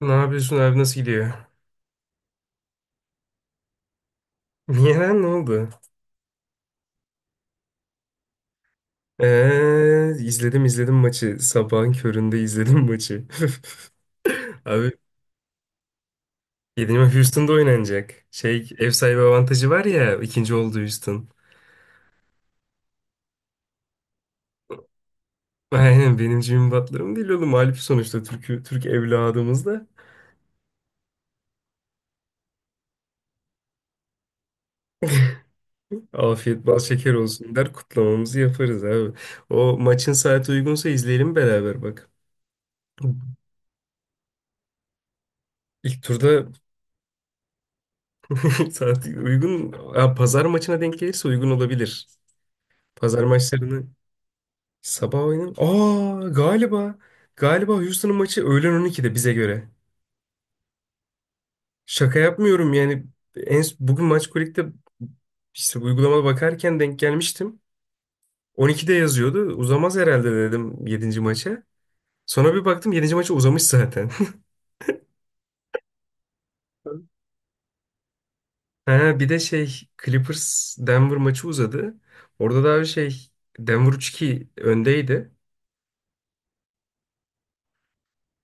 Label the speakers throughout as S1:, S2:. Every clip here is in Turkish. S1: Ne yapıyorsun abi, nasıl gidiyor? Niye lan, ne oldu? İzledim izledim maçı. Sabahın köründe izledim maçı. Abi yenilme Houston'da oynanacak. Şey, ev sahibi avantajı var ya, ikinci oldu Houston. Aynen, benim Jimmy Butler'ım değil oğlum. Mağlup sonuçta, Türk evladımız da. Afiyet bal şeker olsun der, kutlamamızı yaparız abi. O maçın saati uygunsa izleyelim beraber bak. İlk turda saat uygun. Ha, pazar maçına denk gelirse uygun olabilir. Pazar maçlarını sabah oynayalım. Aa, galiba Houston'ın maçı öğlen 12'de bize göre. Şaka yapmıyorum yani, en bugün maç kulüpte işte uygulamada bakarken denk gelmiştim. 12'de yazıyordu. Uzamaz herhalde dedim yedinci maça. Sonra bir baktım, yedinci maça uzamış zaten. Ha, bir de şey, Clippers Denver maçı uzadı. Orada da abi şey, Denver 3-2 öndeydi.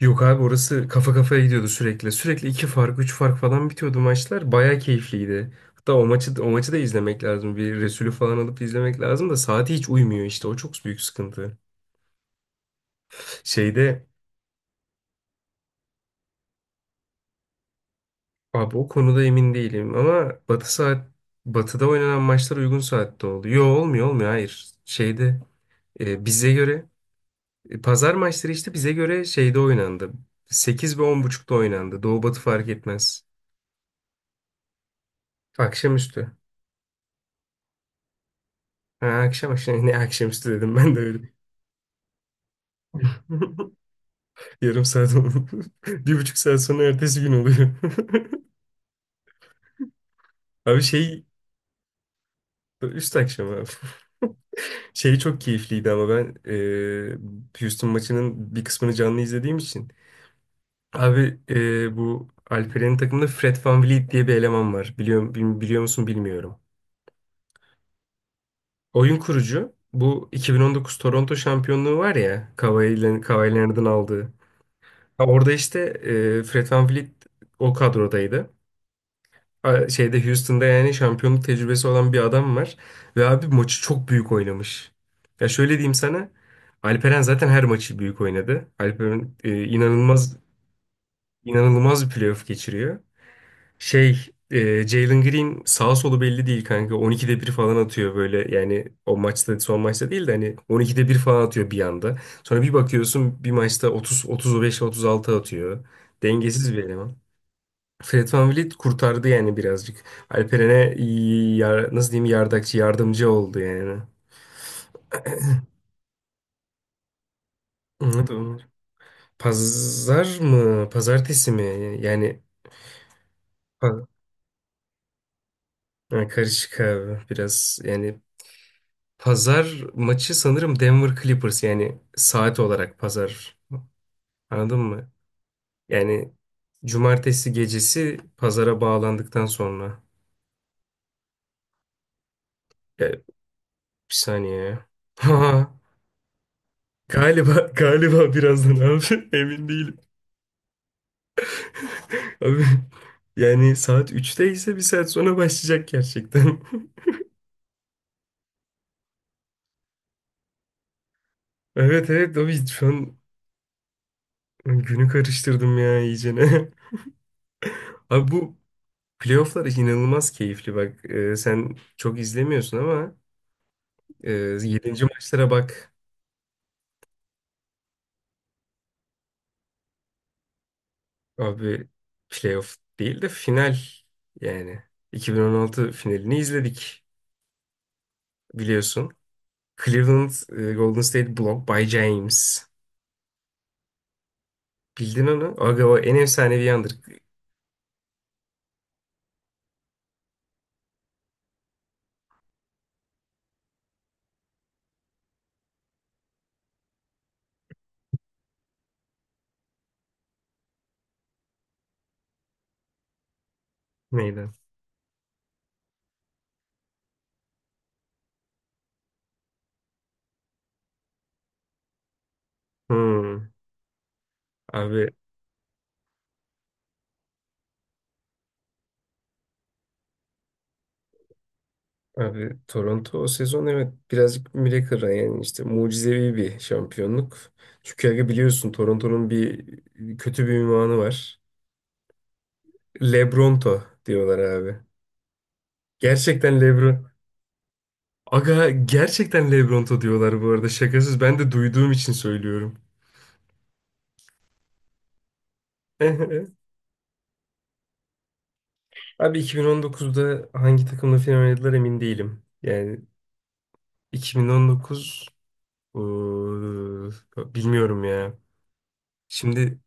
S1: Yok abi, orası kafa kafaya gidiyordu sürekli. Sürekli iki fark, üç fark falan bitiyordu maçlar. Bayağı keyifliydi. Hatta o maçı da izlemek lazım. Bir Resulü falan alıp izlemek lazım da saati hiç uymuyor işte. O çok büyük sıkıntı. Şeyde abi, o konuda emin değilim ama Batı'da oynanan maçlar uygun saatte oldu. Yo, olmuyor olmuyor, hayır. Şeyde, bize göre, pazar maçları işte bize göre şeyde oynandı. Sekiz ve on buçukta oynandı. Doğu Batı fark etmez. Akşamüstü. Ha, akşam akşam, ne akşamüstü dedim ben de öyle. Yarım saat oldu. Bir buçuk saat sonra ertesi gün oluyor. Abi şey, üst akşam abi. Şey çok keyifliydi ama ben Houston maçının bir kısmını canlı izlediğim için. Abi bu Alperen'in takımında Fred VanVleet diye bir eleman var. Biliyor musun bilmiyorum. Oyun kurucu. Bu 2019 Toronto şampiyonluğu var ya, Kawhi Leonard'ın aldığı. Ha, orada işte Fred VanVleet o kadrodaydı. Şeyde Houston'da yani şampiyonluk tecrübesi olan bir adam var. Ve abi maçı çok büyük oynamış. Ya şöyle diyeyim sana. Alperen zaten her maçı büyük oynadı. Alperen inanılmaz inanılmaz bir playoff geçiriyor. Şey, Jalen Green sağ solu belli değil kanka. 12'de bir falan atıyor böyle. Yani o maçta, son maçta değil de hani 12'de bir falan atıyor bir anda. Sonra bir bakıyorsun bir maçta 30 35 36 atıyor. Dengesiz bir eleman. Fred VanVleet kurtardı yani birazcık. Alperen'e nasıl diyeyim, yardakçı yardımcı oldu yani. Evet, Ömer. Pazar mı? Pazartesi mi? Yani pa- ha, karışık abi biraz yani, pazar maçı sanırım Denver Clippers yani saat olarak pazar. Anladın mı? Yani cumartesi gecesi pazara bağlandıktan sonra. Ya, bir saniye. Ya. Galiba birazdan abi, emin değilim. Abi yani saat 3'te ise bir saat sonra başlayacak gerçekten. Evet evet abi, şu an günü karıştırdım ya iyicene. Abi bu playofflar inanılmaz keyifli bak. Sen çok izlemiyorsun ama 7. maçlara bak. Abi playoff değil de final yani. 2016 finalini izledik biliyorsun. Cleveland, Golden State Blocked by James. Bildin onu? Aga o en efsanevi yandır meydan. Hmm. Abi abi Toronto o sezon evet birazcık miracle, yani işte mucizevi bir şampiyonluk. Çünkü aga biliyorsun, Toronto'nun kötü bir ünvanı var. Lebronto diyorlar abi. Gerçekten Lebron. Aga gerçekten Lebronto diyorlar bu arada, şakasız, ben de duyduğum için söylüyorum. Abi 2019'da hangi takımla final oynadılar emin değilim. Yani 2019, ıı, bilmiyorum ya. Şimdi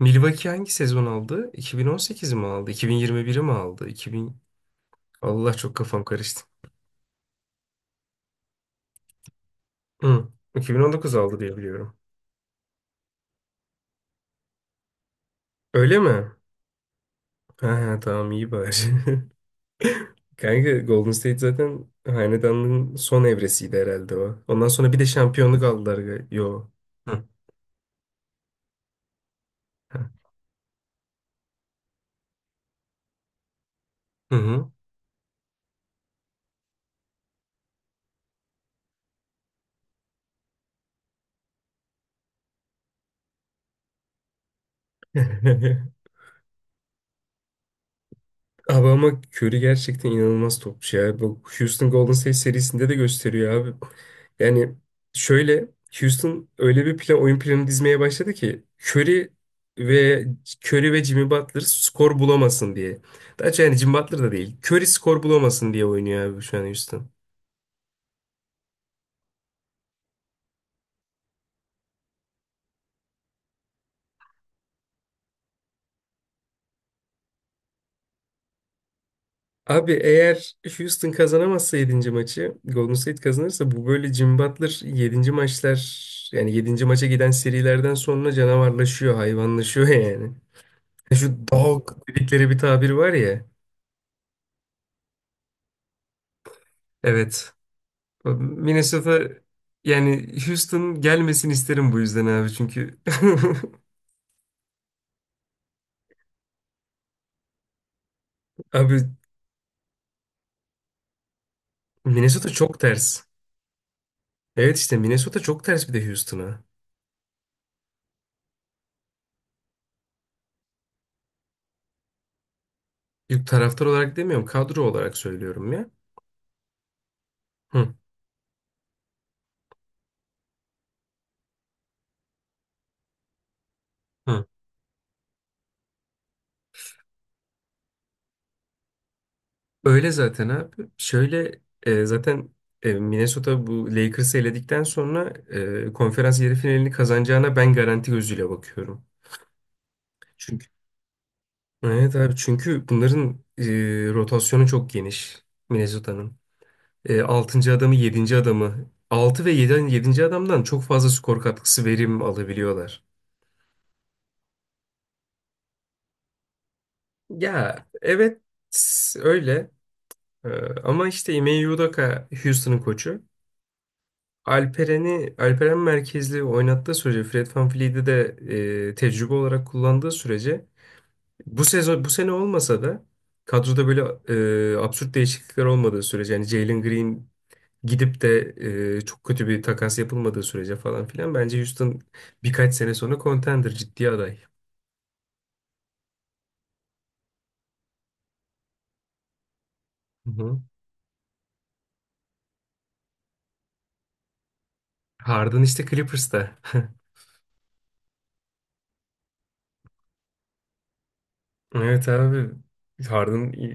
S1: Milwaukee hangi sezon aldı? 2018 mi aldı? 2021'i mi aldı? 2000. Allah, çok kafam karıştı. Hı. 2019 aldı diye biliyorum. Öyle mi? Ha, ha, tamam, iyi bari. Kanka Golden State zaten hanedanlığın son evresiydi herhalde o. Ondan sonra bir de şampiyonluk aldılar. Yo. Hı. Hı hı. Abi ama Curry gerçekten inanılmaz topçu ya. Bu Houston Golden State serisinde de gösteriyor abi. Yani şöyle, Houston öyle bir plan, oyun planı dizmeye başladı ki Curry ve Curry ve Jimmy Butler skor bulamasın diye. Daha çok yani Jimmy Butler da değil. Curry skor bulamasın diye oynuyor abi şu an Houston. Abi eğer Houston kazanamazsa yedinci maçı, Golden State kazanırsa, bu böyle Jimmy Butler yedinci maçlar, yani yedinci maça giden serilerden sonra canavarlaşıyor, hayvanlaşıyor yani. Şu dog dedikleri bir tabir var ya. Evet. Minnesota, yani Houston gelmesin isterim bu yüzden abi çünkü. Abi Minnesota çok ters. Evet işte Minnesota çok ters bir de Houston'a. Yok, taraftar olarak demiyorum, kadro olarak söylüyorum ya. Hı. Hı. Öyle zaten abi. Şöyle, zaten Minnesota bu Lakers'ı eledikten sonra konferans yarı finalini kazanacağına ben garanti gözüyle bakıyorum. Çünkü Evet abi çünkü bunların rotasyonu çok geniş Minnesota'nın. 6. adamı, yedinci adamı, 6 ve 7. adamdan çok fazla skor katkısı verim alabiliyorlar. Ya evet, öyle. E, ama işte Ime Udoka Houston'ın koçu. Alperen merkezli oynattığı sürece, Fred VanVleet'i de tecrübe olarak kullandığı sürece, bu sezon, bu sene olmasa da kadroda böyle absürt değişiklikler olmadığı sürece, yani Jalen Green gidip de çok kötü bir takas yapılmadığı sürece falan filan, bence Houston birkaç sene sonra contender, ciddi aday. Hı hı. Harden işte Clippers'ta. Evet abi. Harden iyi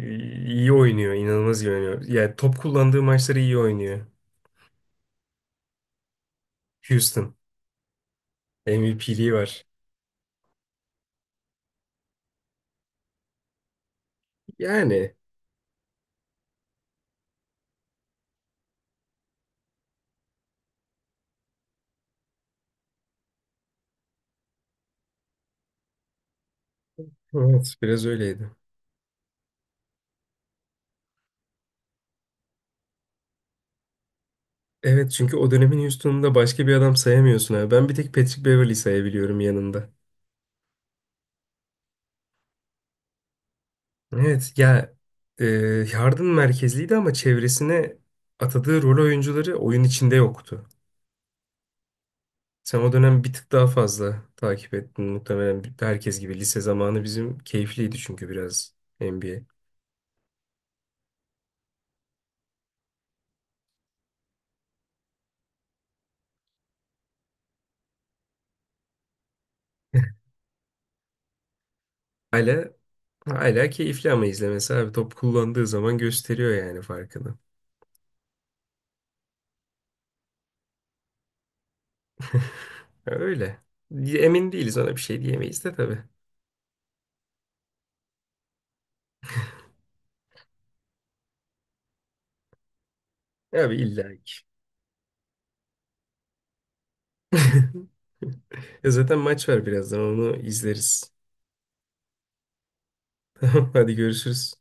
S1: iyi oynuyor. İnanılmaz iyi oynuyor. Yani top kullandığı maçları iyi oynuyor. Houston. MVP'liği var. Yani. Evet. Biraz öyleydi. Evet, çünkü o dönemin Houston'unda başka bir adam sayamıyorsun abi. Ben bir tek Patrick Beverley sayabiliyorum yanında. Evet ya, e, yardım merkezliydi ama çevresine atadığı rol oyuncuları oyun içinde yoktu. Sen o dönem bir tık daha fazla takip ettin muhtemelen herkes gibi. Lise zamanı bizim keyifliydi çünkü biraz NBA. Hala hala keyifli ama izlemesi abi, top kullandığı zaman gösteriyor yani farkını. Ya öyle. Emin değiliz, ona bir şey diyemeyiz de tabii. Abi illa ki. Ya zaten maç var birazdan, onu izleriz. Tamam hadi görüşürüz.